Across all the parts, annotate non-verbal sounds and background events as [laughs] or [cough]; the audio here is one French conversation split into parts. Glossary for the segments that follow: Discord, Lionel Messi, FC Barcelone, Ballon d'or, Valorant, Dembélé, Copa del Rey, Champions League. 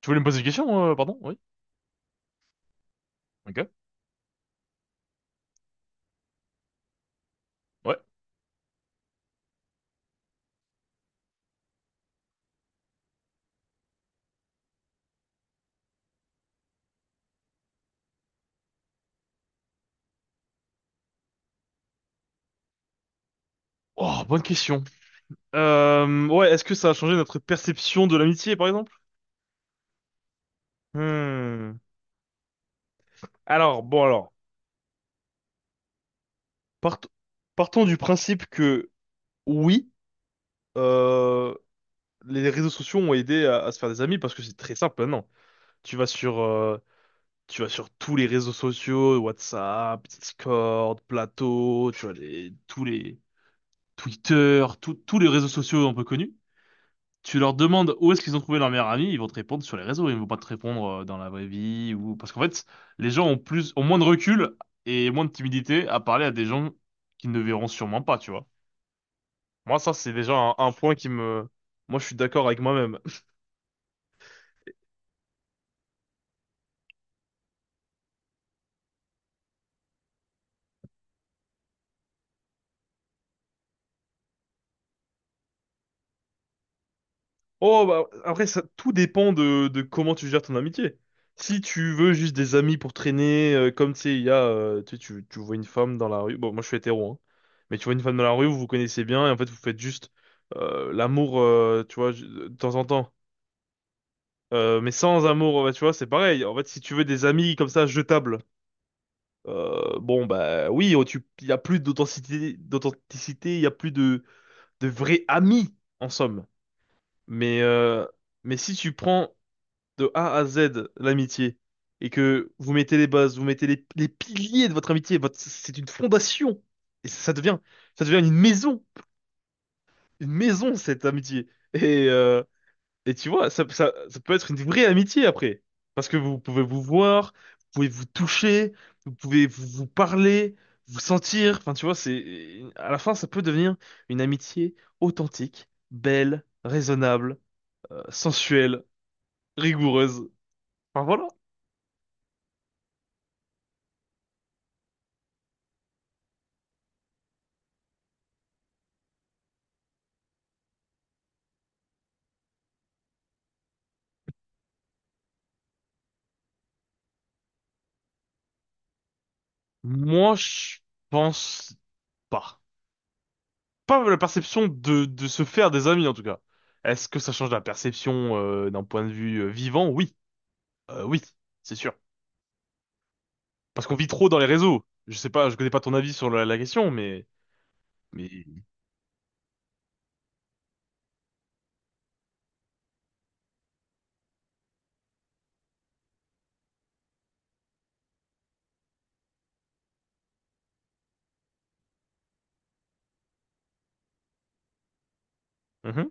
Tu voulais me poser une question, pardon? Oui. Ok. Ouais. Oh, bonne question. Ouais, est-ce que ça a changé notre perception de l'amitié, par exemple? Hmm. Alors, bon, alors, part- partons du principe que oui, euh, les réseaux sociaux ont aidé à se faire des amis parce que c'est très simple maintenant. Tu vas sur, euh, Tu vas sur tous les réseaux sociaux, WhatsApp, Discord, Plateau, tu vois tous les Twitter, tous les réseaux sociaux un peu connus. Tu leur demandes où est-ce qu'ils ont trouvé leur meilleur ami, ils vont te répondre sur les réseaux, ils vont pas te répondre dans la vraie vie ou parce qu'en fait, les gens ont plus ont moins de recul et moins de timidité à parler à des gens qu'ils ne verront sûrement pas, tu vois. Moi, ça, c'est déjà un point qui me... Moi je suis d'accord avec moi-même. Oh, bah, après, ça, tout dépend de comment tu gères ton amitié. Si tu veux juste des amis pour traîner, comme tu sais, il y a, tu, sais, tu tu vois une femme dans la rue. Bon, moi, je suis hétéro, hein. Mais tu vois une femme dans la rue, vous vous connaissez bien, et en fait, vous faites juste l'amour, tu vois, de temps en temps. Mais sans amour, bah, tu vois, c'est pareil. En fait, si tu veux des amis comme ça, jetables, bon, bah oui, oh, il y a plus d'authenticité, il y a plus de vrais amis, en somme. Mais mais si tu prends de A à Z l'amitié et que vous mettez les bases, vous mettez les piliers de votre amitié, votre, c'est une fondation et ça devient une maison cette amitié. Et, euh, et tu vois, ça peut être une vraie amitié après parce que vous pouvez vous voir, vous pouvez vous toucher, vous parler, vous sentir. Enfin, tu vois, c'est à la fin ça peut devenir une amitié authentique, belle, raisonnable, sensuelle, rigoureuse. Enfin voilà. Moi, je pense pas. Pas la perception de se faire des amis, en tout cas. Est-ce que ça change la perception d'un point de vue vivant? Oui. Oui, c'est sûr. Parce qu'on vit trop dans les réseaux. Je sais pas, je connais pas ton avis sur la question, mais... Mais... Mhm,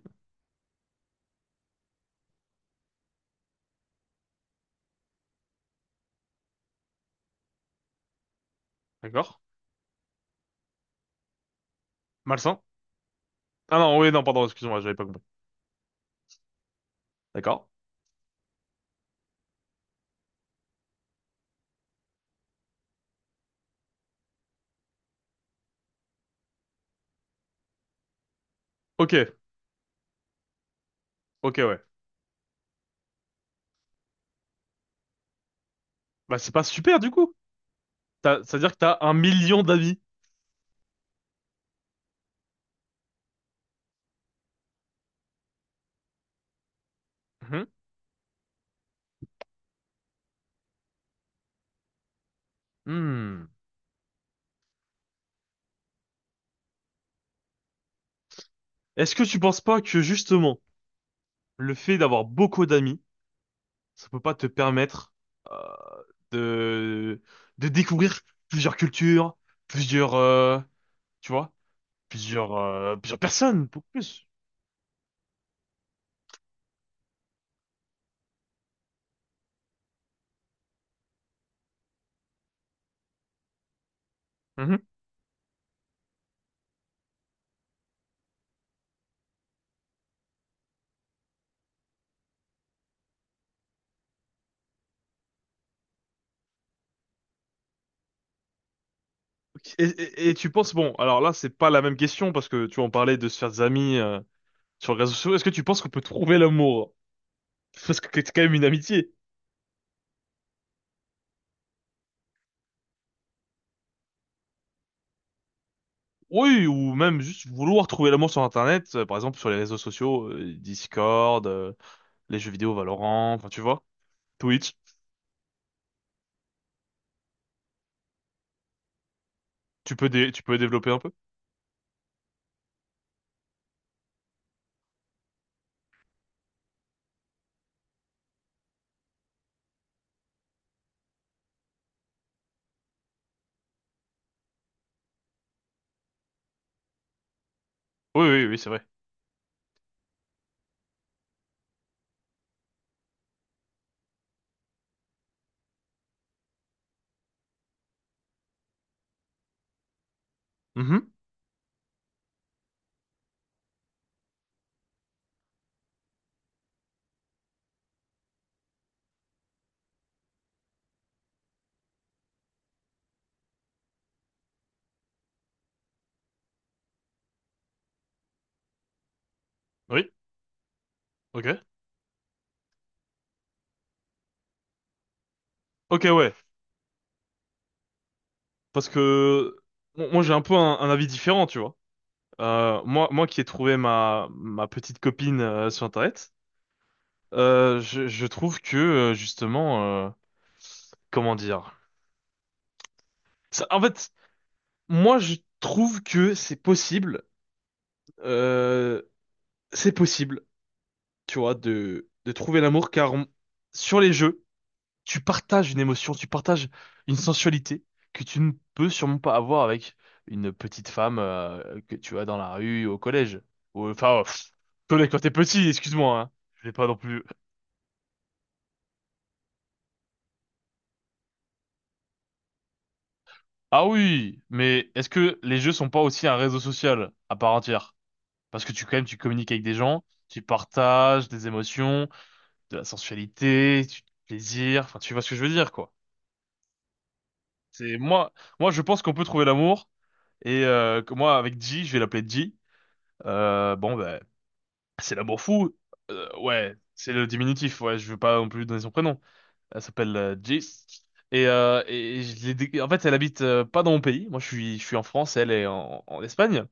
d'accord. Malsain. Ah non, oui, non, pardon, excuse-moi, j'avais pas compris. D'accord. Ok, ok, ouais. Bah, c'est pas super, du coup. T'as- c'est-à-dire que t'as un million d'amis. Mhm. Hmm. Est-ce que tu penses pas que, justement, le fait d'avoir beaucoup d'amis ça peut pas te permettre euh, de de découvrir plusieurs cultures, plusieurs tu vois, plusieurs plusieurs personnes beaucoup plus. Mhm. Et tu penses bon, alors là c'est pas la même question parce que tu en parlais de se faire des amis sur les réseaux sociaux. Est-ce que tu penses qu'on peut trouver l'amour? Parce que c'est quand même une amitié. Oui, ou même juste vouloir trouver l'amour sur Internet, par exemple sur les réseaux sociaux, Discord, les jeux vidéo Valorant, enfin tu vois, Twitch. Tu peux développer un peu? Oui, oui, oui, c'est vrai. Mhm. Oui, ok. Ok, ouais. Parce que moi, j'ai un peu un avis différent, tu vois. Moi qui ai trouvé ma petite copine sur Internet, je trouve que, justement, comment dire... Ça- en fait, moi, je trouve que c'est possible. euh, c'est possible, tu vois, de trouver l'amour, sur les jeux... Tu partages une émotion, tu partages une sensualité que tu ne peux sûrement pas avoir avec une petite femme que tu as dans la rue, au collège. Ou, enfin, euh, pff, Collège quand t'es petit, excuse-moi, hein. Je l'ai pas non plus. Ah oui, mais est-ce que les jeux sont pas aussi un réseau social à part entière? Parce que tu, quand même, tu communiques avec des gens, tu partages des émotions, de la sensualité, du plaisir, enfin, tu vois ce que je veux dire, quoi. C'est moi, Moi, je pense qu'on peut trouver l'amour et que moi, avec G, je vais l'appeler G. Bon, ben, c'est l'amour fou. Ouais, c'est le diminutif. Ouais, je veux pas non plus donner son prénom. Elle s'appelle Jis. Et je l'ai en fait, elle habite pas dans mon pays. Moi, je suis en France, elle est en Espagne.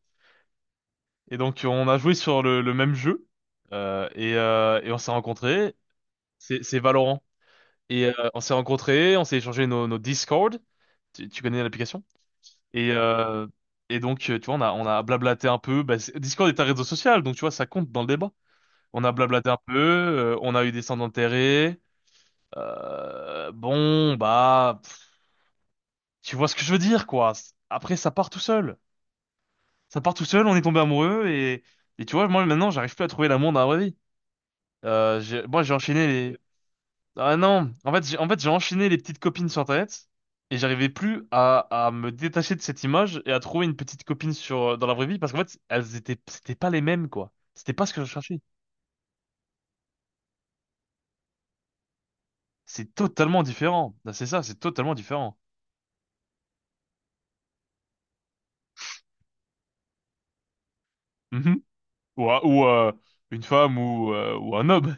Et donc, on a joué sur le même jeu. Et on s'est rencontrés. C'est Valorant. Et on s'est rencontrés, on s'est échangé nos Discord. Tu connais l'application? Et, euh, Tu vois, on a blablaté un peu. Bah, c'est- Discord est un réseau social, donc tu vois, ça compte dans le débat. On a blablaté un peu, on a eu des scènes d'intérêt. Euh, bon, bah, pff, Tu vois ce que je veux dire, quoi. C- après, ça part tout seul. Ça part tout seul, on est tombé amoureux et tu vois, moi maintenant, j'arrive plus à trouver l'amour dans la vraie vie. Moi, j'ai enchaîné les. Ah non, en fait, j'ai enchaîné les petites copines sur Internet et j'arrivais plus à me détacher de cette image et à trouver une petite copine sur dans la vraie vie parce qu'en fait, elles étaient, c'était pas les mêmes, quoi. C'était pas ce que je cherchais. C'est totalement différent. Ben, c'est ça, c'est totalement différent. [laughs] Ou une femme ou un homme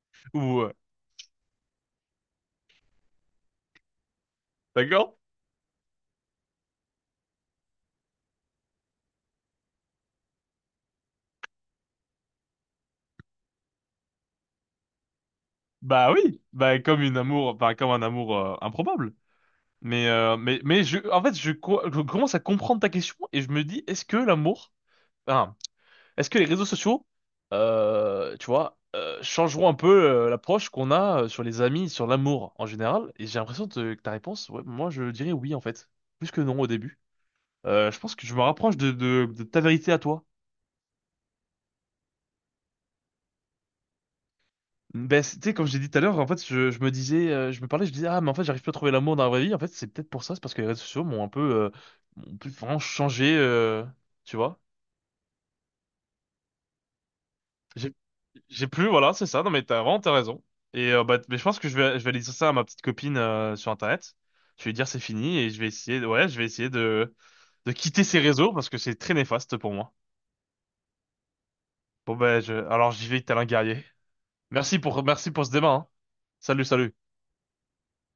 [laughs] ou d'accord? Bah oui, bah comme un amour improbable. Mais en fait, je commence à comprendre ta question et je me dis, est-ce que l'amour, enfin, est-ce que les réseaux sociaux, tu vois, changeront un peu l'approche qu'on a sur les amis, sur l'amour en général? Et j'ai l'impression que ta réponse, ouais, moi je dirais oui en fait, plus que non au début. Je pense que je me rapproche de de ta vérité à toi. Ben, c'est- tu sais, comme je l'ai dit tout à l'heure, en fait, je me disais, je me parlais, je disais, ah, mais en fait, j'arrive plus à trouver l'amour dans la vraie vie. En fait, c'est peut-être pour ça, c'est parce que les réseaux sociaux m'ont un peu, m'ont plus vraiment changé, tu vois. J'ai, j'ai plus, voilà, c'est ça. Non, mais t'as vraiment, t'as raison. Mais je pense que je vais aller dire ça à ma petite copine, sur Internet. Je vais lui dire c'est fini et je vais ouais, je vais essayer de quitter ces réseaux parce que c'est très néfaste pour moi. Alors j'y vais, tel un guerrier. Merci pour ce débat, hein. Salut, salut.